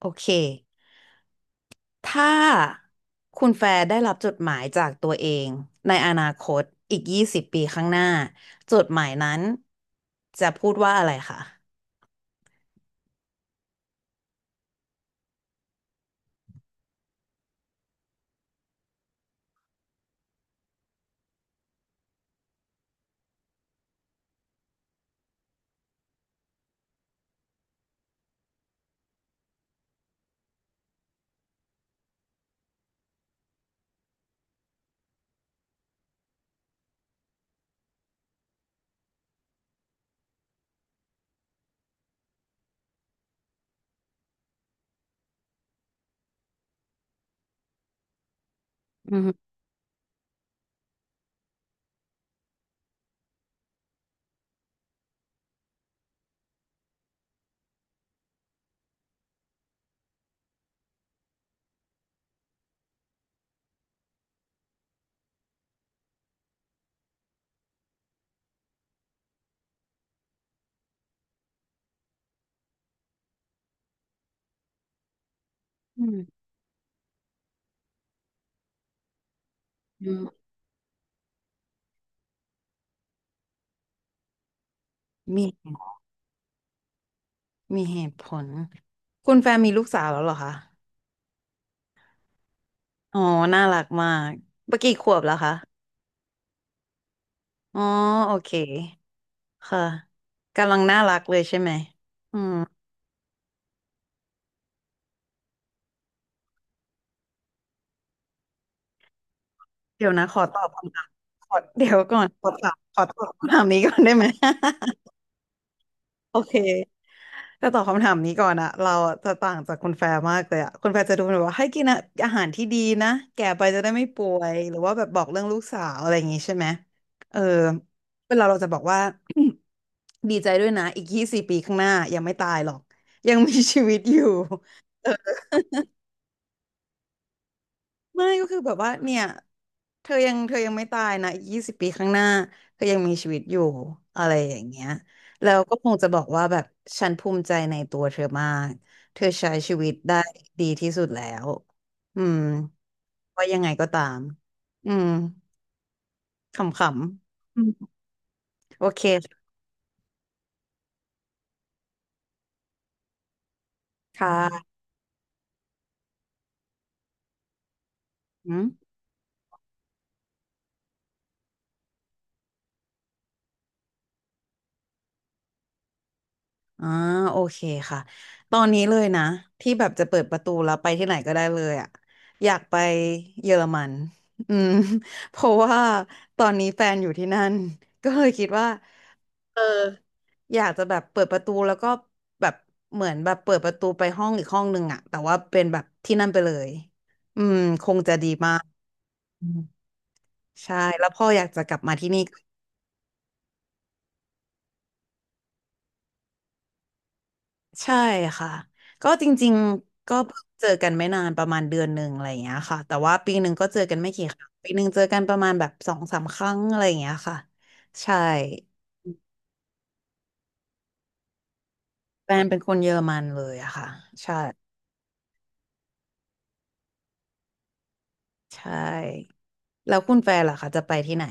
โอเค ถ้าคุณแฟร์ได้รับจดหมายจากตัวเองในอนาคตอีกยี่สิบปีข้างหน้าจดหมายนั้นจะพูดว่าอะไรคะอืมอืมอืมมีมีเหตุผลคุณแฟร์มีลูกสาวแล้วเหรอคะอ๋อน่ารักมากเมื่อกี้ขวบแล้วคะอ๋อโอเคค่ะกำลังน่ารักเลยใช่ไหมอืมเดี๋ยวนะขอตอบคำถามขอเดี๋ยวก่อนขอตอบขอตอบคำถามนี้ก่อนได้ไหม โอเค แต่ตอบคำถามนี้ก่อนอะเราจะต่างจากคุณแฟร์มากเลยอะคุณแฟร์จะดูแบบว่าให้กินอะอาหารที่ดีนะแก่ไปจะได้ไม่ป่วยหรือว่าแบบบอกเรื่องลูกสาวอะไรอย่างงี้ใช่ไหมเออเวลาเราจะบอกว่า ดีใจด้วยนะอีก20 ปีข้างหน้ายังไม่ตายหรอกยังมีชีวิตอยู่ ไม่ก็คือแบบว่าเนี่ยเธอยังไม่ตายนะอีกยี่สิบปีข้างหน้าเธอยังมีชีวิตอยู่อะไรอย่างเงี้ยแล้วก็คงจะบอกว่าแบบฉันภูมิใจในตัวเธอมากเธอใช้ชีวิตได้ดีที่สุดแล้วอืมว่ายังไงก็ตามอืมขำๆอืมโอเคค่ะอืม อ่าโอเคค่ะตอนนี้เลยนะที่แบบจะเปิดประตูแล้วไปที่ไหนก็ได้เลยอ่ะอยากไปเยอรมันอืม เพราะว่าตอนนี้แฟนอยู่ที่นั่นก็เลยคิดว่าเอออยากจะแบบเปิดประตูแล้วก็แบบเหมือนแบบเปิดประตูไปห้องอีกห้องหนึ่งอ่ะแต่ว่าเป็นแบบที่นั่นไปเลยอืมคงจะดีมากอืมใช่แล้วพ่ออยากจะกลับมาที่นี่ ใช่ค่ะก็จริงๆก็เพิ่งเจอกันไม่นานประมาณเดือนหนึ่งอะไรอย่างเงี้ยค่ะแต่ว่าปีหนึ่งก็เจอกันไม่กี่ครั้งปีหนึ่งเจอกันประมาณแบบสองสามครั้งอะไรอย่างเงี้ยค่ะใช่แฟนเป็นคนเยอรมันเลยอะค่ะใช่ใช่แล้วคุณแฟนล่ะคะจะไปที่ไหน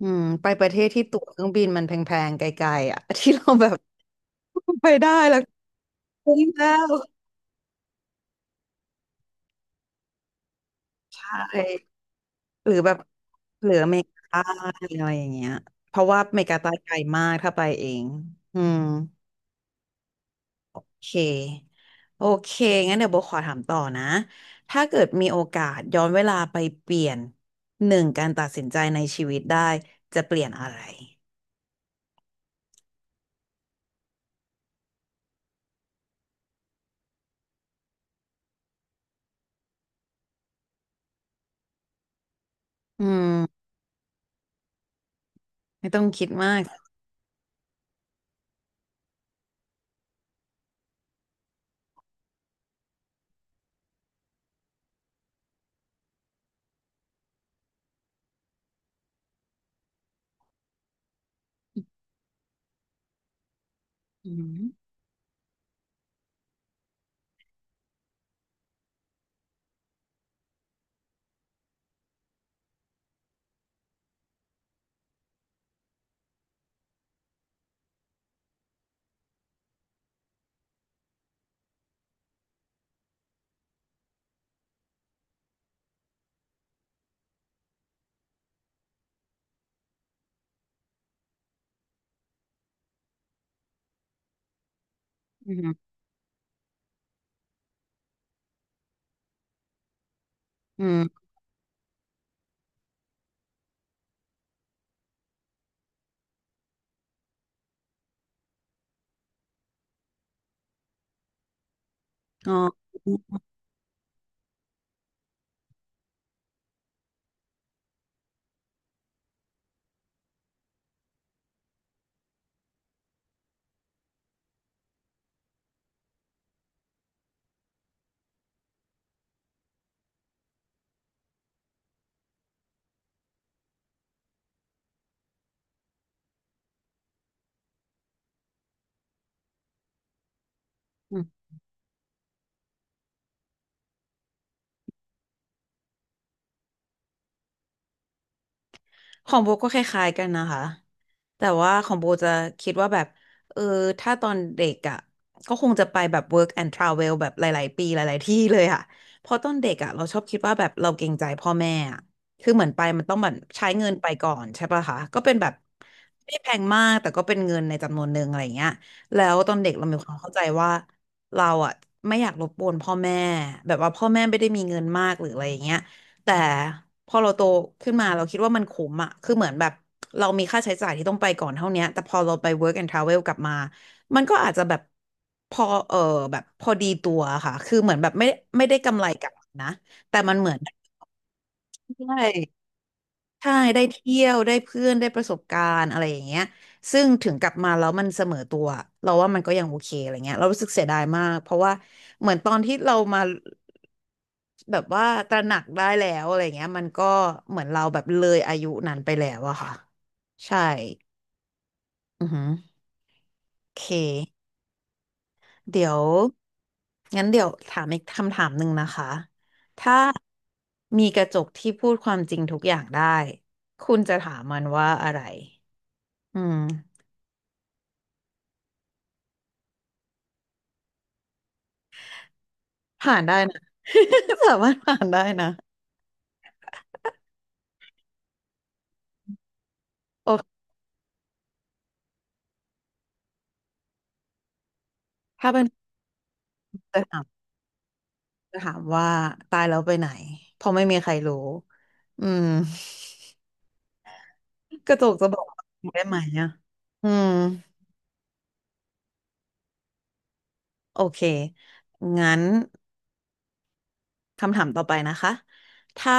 อืมไปประเทศที่ตั๋วเครื่องบินมันแพงๆไกลๆอะ ที่เราแบบ ไปได้แล้วคุ้มแล้วใช่ หรือแบบหรืออเมริกาใต้อะไรอย่างเงี้ยเพราะว่าอเมริกาใต้ไกลมากถ้าไปเองอืมโอเคโอเคงั้นเดี๋ยวโบขอถามต่อนะถ้าเกิดมีโอกาสย้อนเวลาไปเปลี่ยนหนึ่งการตัดสินใจในชีวิตได้จะเปลี่ยนอะไรอืมไม่ต้องคิดมากอืมอืมอืมอ๋อ ของโบก็คล้ายๆกันนะคะแต่ว่าของโบจะคิดว่าแบบเออถ้าตอนเด็กอ่ะก็คงจะไปแบบ work and travel แบบหลายๆปีหลายๆที่เลยค่ะเพราะตอนเด็กอ่ะเราชอบคิดว่าแบบเราเกรงใจพ่อแม่อะคือเหมือนไปมันต้องแบบใช้เงินไปก่อนใช่ปะคะก็เป็นแบบไม่ได้แพงมากแต่ก็เป็นเงินในจำนวนหนึ่งอะไรอย่างเงี้ยแล้วตอนเด็กเรามีความเข้าใจว่าเราอ่ะไม่อยากรบกวนพ่อแม่แบบว่าพ่อแม่ไม่ได้มีเงินมากหรืออะไรอย่างเงี้ย แต่พอเราโตขึ้นมาเราคิดว่ามันคุ้มอะคือเหมือนแบบเรามีค่าใช้จ่ายที่ต้องไปก่อนเท่าเนี้ยแต่พอเราไป work and travel กลับมามันก็อาจจะแบบพอเออแบบพอดีตัวค่ะคือเหมือนแบบไม่ได้กำไรกลับมานะแต่มันเหมือนได้ใช่ได้เที่ยวได้เพื่อนได้ประสบการณ์อะไรอย่างเงี้ยซึ่งถึงกลับมาแล้วมันเสมอตัวเราว่ามันก็ยังโอเคอะไรเงี้ยเรารู้สึกเสียดายมากเพราะว่าเหมือนตอนที่เรามา แบบว่าตระหนักได้แล้วอะไรเงี้ยมันก็เหมือนเราแบบเลยอายุนั้นไปแล้วอะค่ะใช่อือหือโอเคเดี๋ยวงั้นเดี๋ยวถามอีกคำถามหนึ่งนะคะถ้ามีกระจกที่พูดความจริงทุกอย่างได้คุณจะถามมันว่าอะไรอืมผ่านได้นะ สามารถผ่านได้นะโอเคถ้าเป็นจะถามจะถามว่าตายแล้วไปไหนเพราะไม่มีใครรู้อืม กระจกจะบอกได้ไหมอ่ะอืมโอเคงั้นคำถามต่อไปนะคะถ้า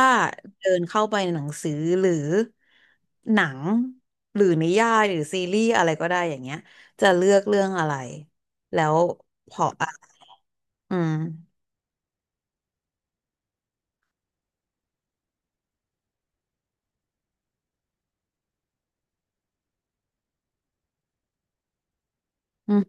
เดินเข้าไปในหนังสือหรือหนังหรือนิยายหรือซีรีส์อะไรก็ได้อย่างเงี้ยจะเลือกเรื่องอะไรแล้วเพราะอะอืมอืม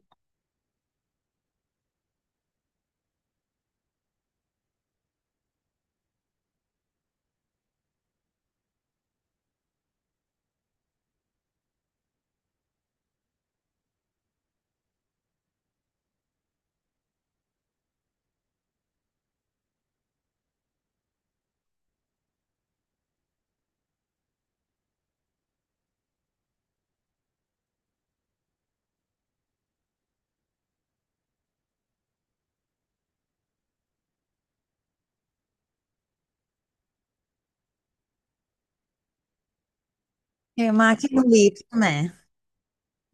เอมาเคียนูรีฟใช่ไหม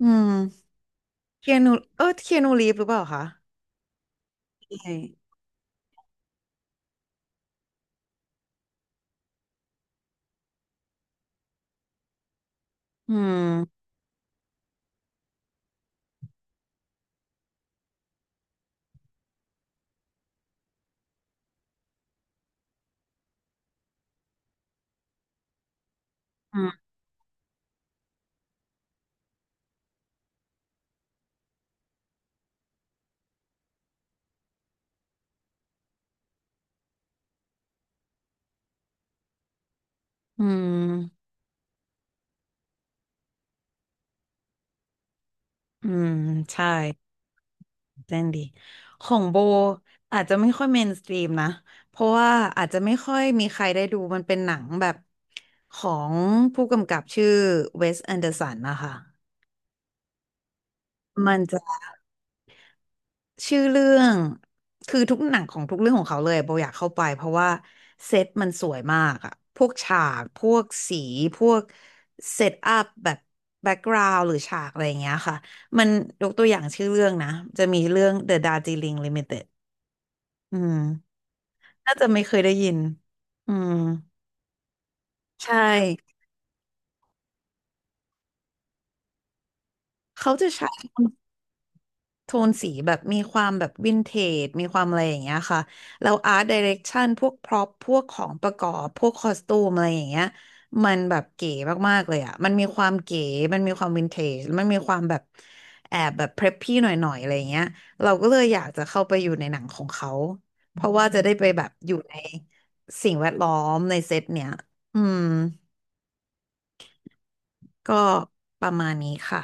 อืมเคียนูเคียนูรีฟหรือเปล่าคะใช่อืมอืมอืมอืมใช่ เล่นดี ของโบอาจจะไม่ค่อยเมนสตรีมนะ เพราะว่าอาจจะไม่ค่อยมีใครได้ดูมันเป็นหนังแบบของผู้กำกับชื่อเวสแอนเดอร์สันนะคะ มันจะชื่อเรื่องคือทุกหนังของทุกเรื่องของเขาเลยโบอยากเข้าไปเพราะว่าเซตมันสวยมากอะพวกฉากพวกสีพวกเซตอัพแบบแบ็กกราวด์หรือฉากอะไรอย่างเงี้ยค่ะ มันยกตัวอย่างชื่อเรื่องนะจะมีเรื่อง The Darjeeling Limited อืม น่าจะไม่เคยได้ยินอืมใช่เขาจะใช้โทนสีแบบมีความแบบวินเทจมีความอะไรอย่างเงี้ยค่ะแล้วอาร์ตไดิเรกชันพวกพร็อพพวกของประกอบพวกคอสตูมอะไรอย่างเงี้ยมันแบบเก๋มากๆเลยอ่ะมันมีความเก๋มันมีความวินเทจมันมีความแบบแอบแบบเพรพพี่หน่อยๆอะไรอย่างเงี้ยเราก็เลยอยากจะเข้าไปอยู่ในหนังของเขาเพราะว่าจะได้ไปแบบอยู่ในสิ่งแวดล้อมในเซตเนี้ยอืมก็ประมาณนี้ค่ะ